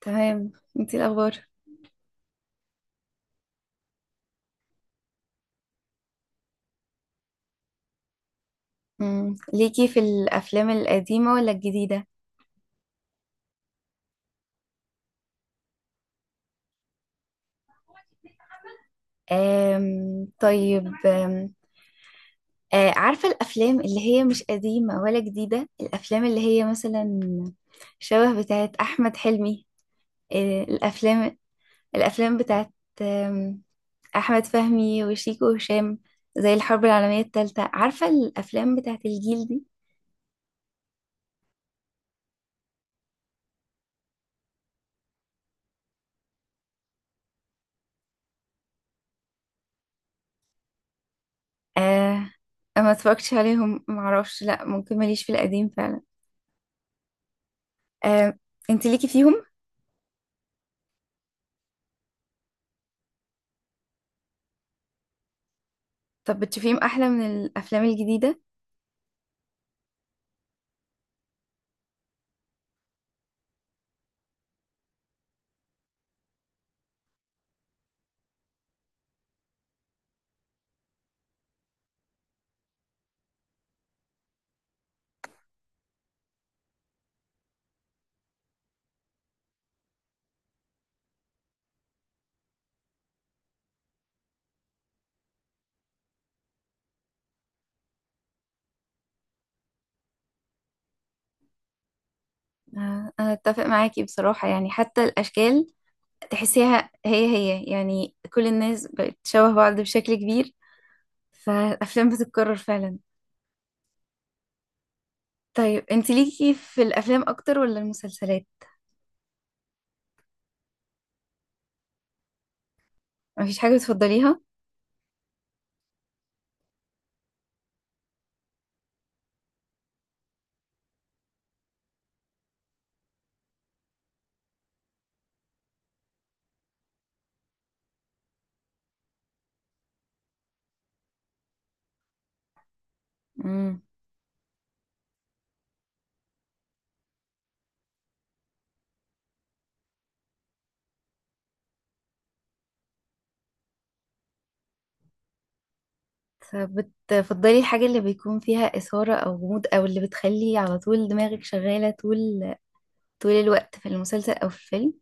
تمام. انتي إيه الاخبار؟ ليكي في الافلام القديمه ولا الجديده؟ طيب. آه، عارفه الافلام اللي هي مش قديمه ولا جديده، الافلام اللي هي مثلا شبه بتاعت احمد حلمي. آه، الافلام. الافلام بتاعت أم... احمد فهمي وشيكو وهشام، زي الحرب العالميه الثالثه. عارفه الافلام بتاعت الجيل دي. أه... ما اتفرجتش عليهم، معرفش، لا، ممكن ماليش في القديم فعلا. أه... انت ليكي فيهم؟ طب بتشوفيهم أحلى من الأفلام الجديدة؟ آه، أنا أتفق معاكي بصراحة، يعني حتى الأشكال تحسيها هي هي، يعني كل الناس بقت شبه بعض بشكل كبير، فالأفلام بتتكرر فعلا. طيب، أنت ليكي في الأفلام أكتر ولا المسلسلات؟ مفيش حاجة بتفضليها؟ مم. طب بتفضلي الحاجة اللي بيكون فيها إثارة أو غموض أو اللي بتخلي على طول دماغك شغالة طول طول الوقت في المسلسل أو في الفيلم؟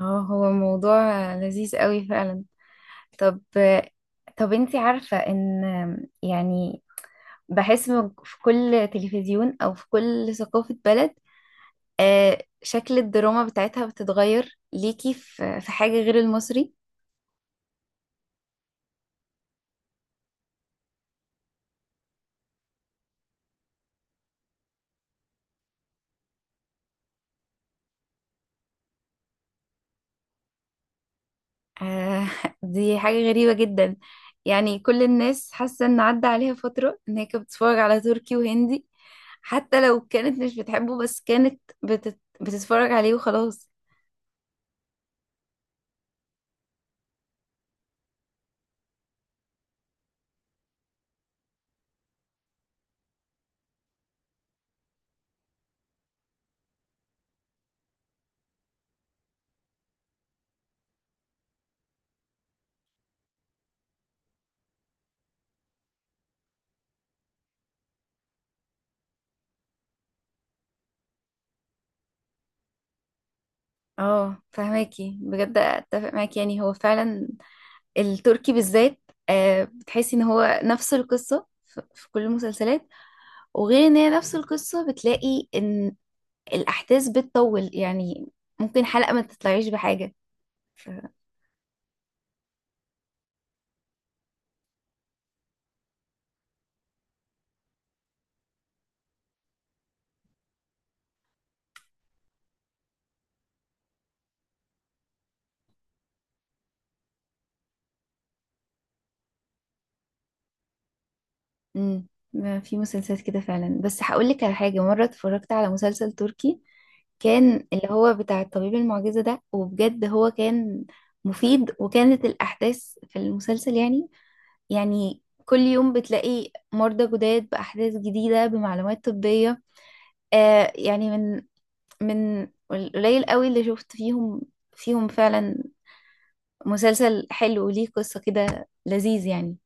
اه، هو موضوع لذيذ قوي فعلا. طب طب انتي عارفة ان، يعني بحس في كل تلفزيون او في كل ثقافة بلد، شكل الدراما بتاعتها بتتغير. ليكي في حاجة غير المصري؟ آه، دي حاجة غريبة جدا، يعني كل الناس حاسة ان عدى عليها فترة ان هي كانت بتتفرج على تركي وهندي، حتى لو كانت مش بتحبه، بس كانت بتتفرج عليه وخلاص. اه فهماكي، بجد اتفق معاكي، يعني هو فعلا التركي بالذات. بتحسي ان هو نفس القصة في كل المسلسلات، وغير ان هي نفس القصة بتلاقي ان الاحداث بتطول، يعني ممكن حلقة ما تطلعيش بحاجة. ف... مم. ما في مسلسلات كده فعلا. بس هقولك على حاجة: مرة اتفرجت على مسلسل تركي كان اللي هو بتاع الطبيب المعجزة ده، وبجد هو كان مفيد. وكانت الأحداث في المسلسل، يعني كل يوم بتلاقي مرضى جداد بأحداث جديدة بمعلومات طبية. آه يعني من القليل قوي اللي شفت فيهم، فيهم فعلا مسلسل حلو وليه قصة كده لذيذ يعني.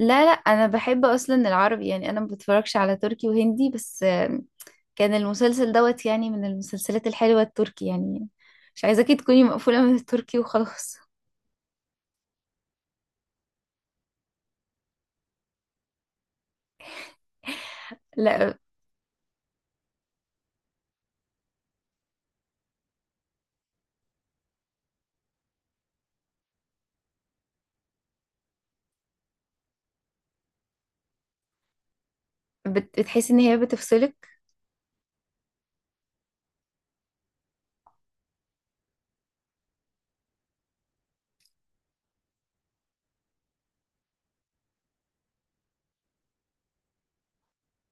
لا لا، انا بحب اصلا العربي، يعني انا ما بتفرجش على تركي وهندي، بس كان المسلسل دوت، يعني من المسلسلات الحلوة التركي يعني. مش عايزاكي تكوني مقفولة من التركي وخلاص. لا. بتحسي ان هي بتفصلك؟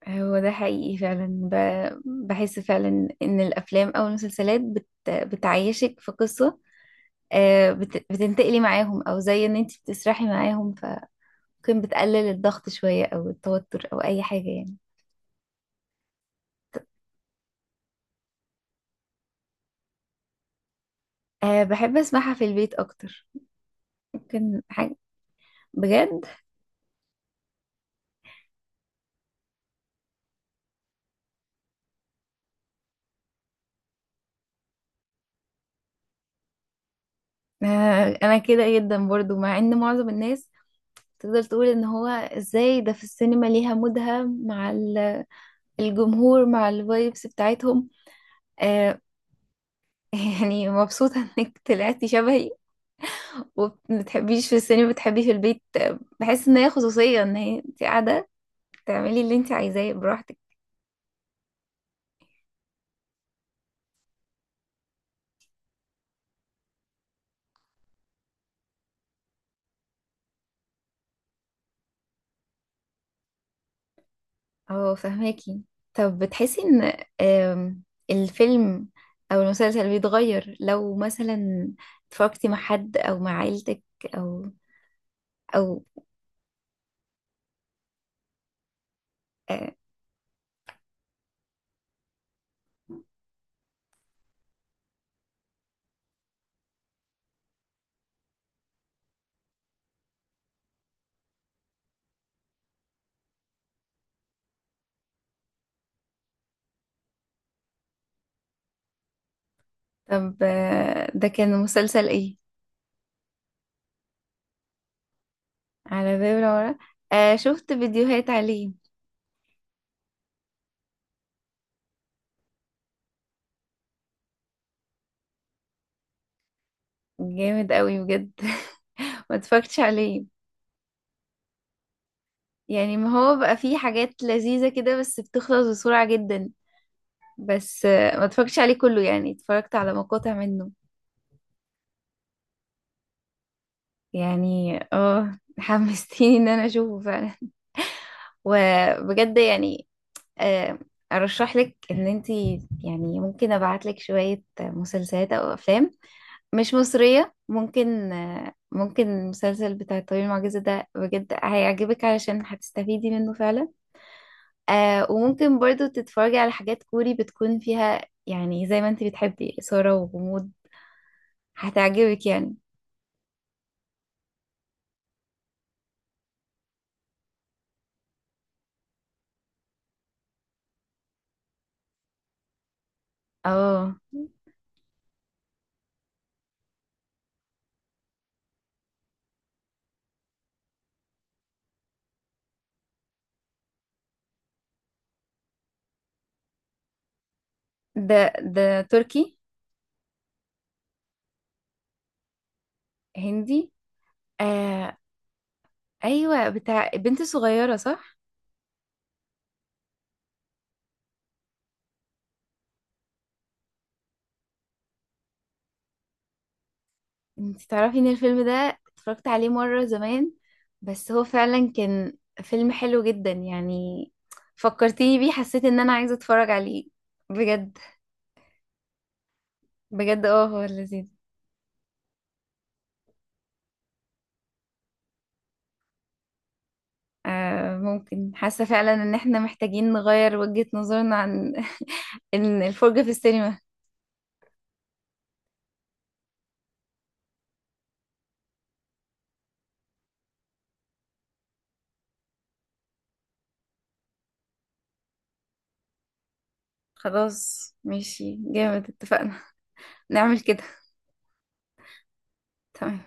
هو ده حقيقي فعلا. ب- بحس فعلا ان الافلام او المسلسلات بتعيشك في قصة، بتنتقلي معاهم، او زي ان انت بتسرحي معاهم، فممكن بتقلل الضغط شوية او التوتر او اي حاجة يعني. أه، بحب اسمعها في البيت اكتر. ممكن حاجة؟ بجد. أه، انا كده جدا برضو، مع ان معظم الناس تقدر تقول ان هو ازاي ده، في السينما ليها مودها مع الجمهور، مع الفايبس بتاعتهم. أه يعني مبسوطة انك طلعتي شبهي وما بتحبيش في السينما، بتحبيش في البيت. بحس ان هي خصوصية، ان هي انت قاعدة تعملي اللي انت عايزاه براحتك. اه فهماكي. طب بتحسي ان، الفيلم او المسلسل بيتغير لو مثلا اتفرجتي مع حد او مع عيلتك او او آه، طب، ده كان مسلسل ايه؟ على باب العمارة. شفت فيديوهات عليه. جامد قوي بجد. ما اتفرجتش عليه. يعني ما هو بقى فيه حاجات لذيذة كده بس بتخلص بسرعة جدا. بس ما اتفرجتش عليه كله، يعني اتفرجت على مقاطع منه. يعني اه، حمستيني ان انا اشوفه فعلا، وبجد يعني. آه، ارشح لك ان انتي، يعني ممكن ابعت لك شوية مسلسلات او افلام مش مصرية. ممكن المسلسل بتاع الطبيب المعجزة ده بجد هيعجبك، علشان هتستفيدي منه فعلا. آه، وممكن برضو تتفرجي على حاجات كوري بتكون فيها، يعني زي ما انتي بتحبي، إثارة وغموض، هتعجبك يعني. اه، ده تركي؟ هندي. آه، ايوه، بتاع بنت صغيره صح؟ انت تعرفي ان الفيلم ده اتفرجت عليه مره زمان. بس هو فعلا كان فيلم حلو جدا يعني. فكرتيني بيه، حسيت ان انا عايزه اتفرج عليه. بجد. بجد، اه هو لذيذ. آه ممكن، حاسه فعلا ان احنا محتاجين نغير وجهه نظرنا عن إن الفرجه في السينما. خلاص، ماشي جامد، اتفقنا، نعمل كده. تمام.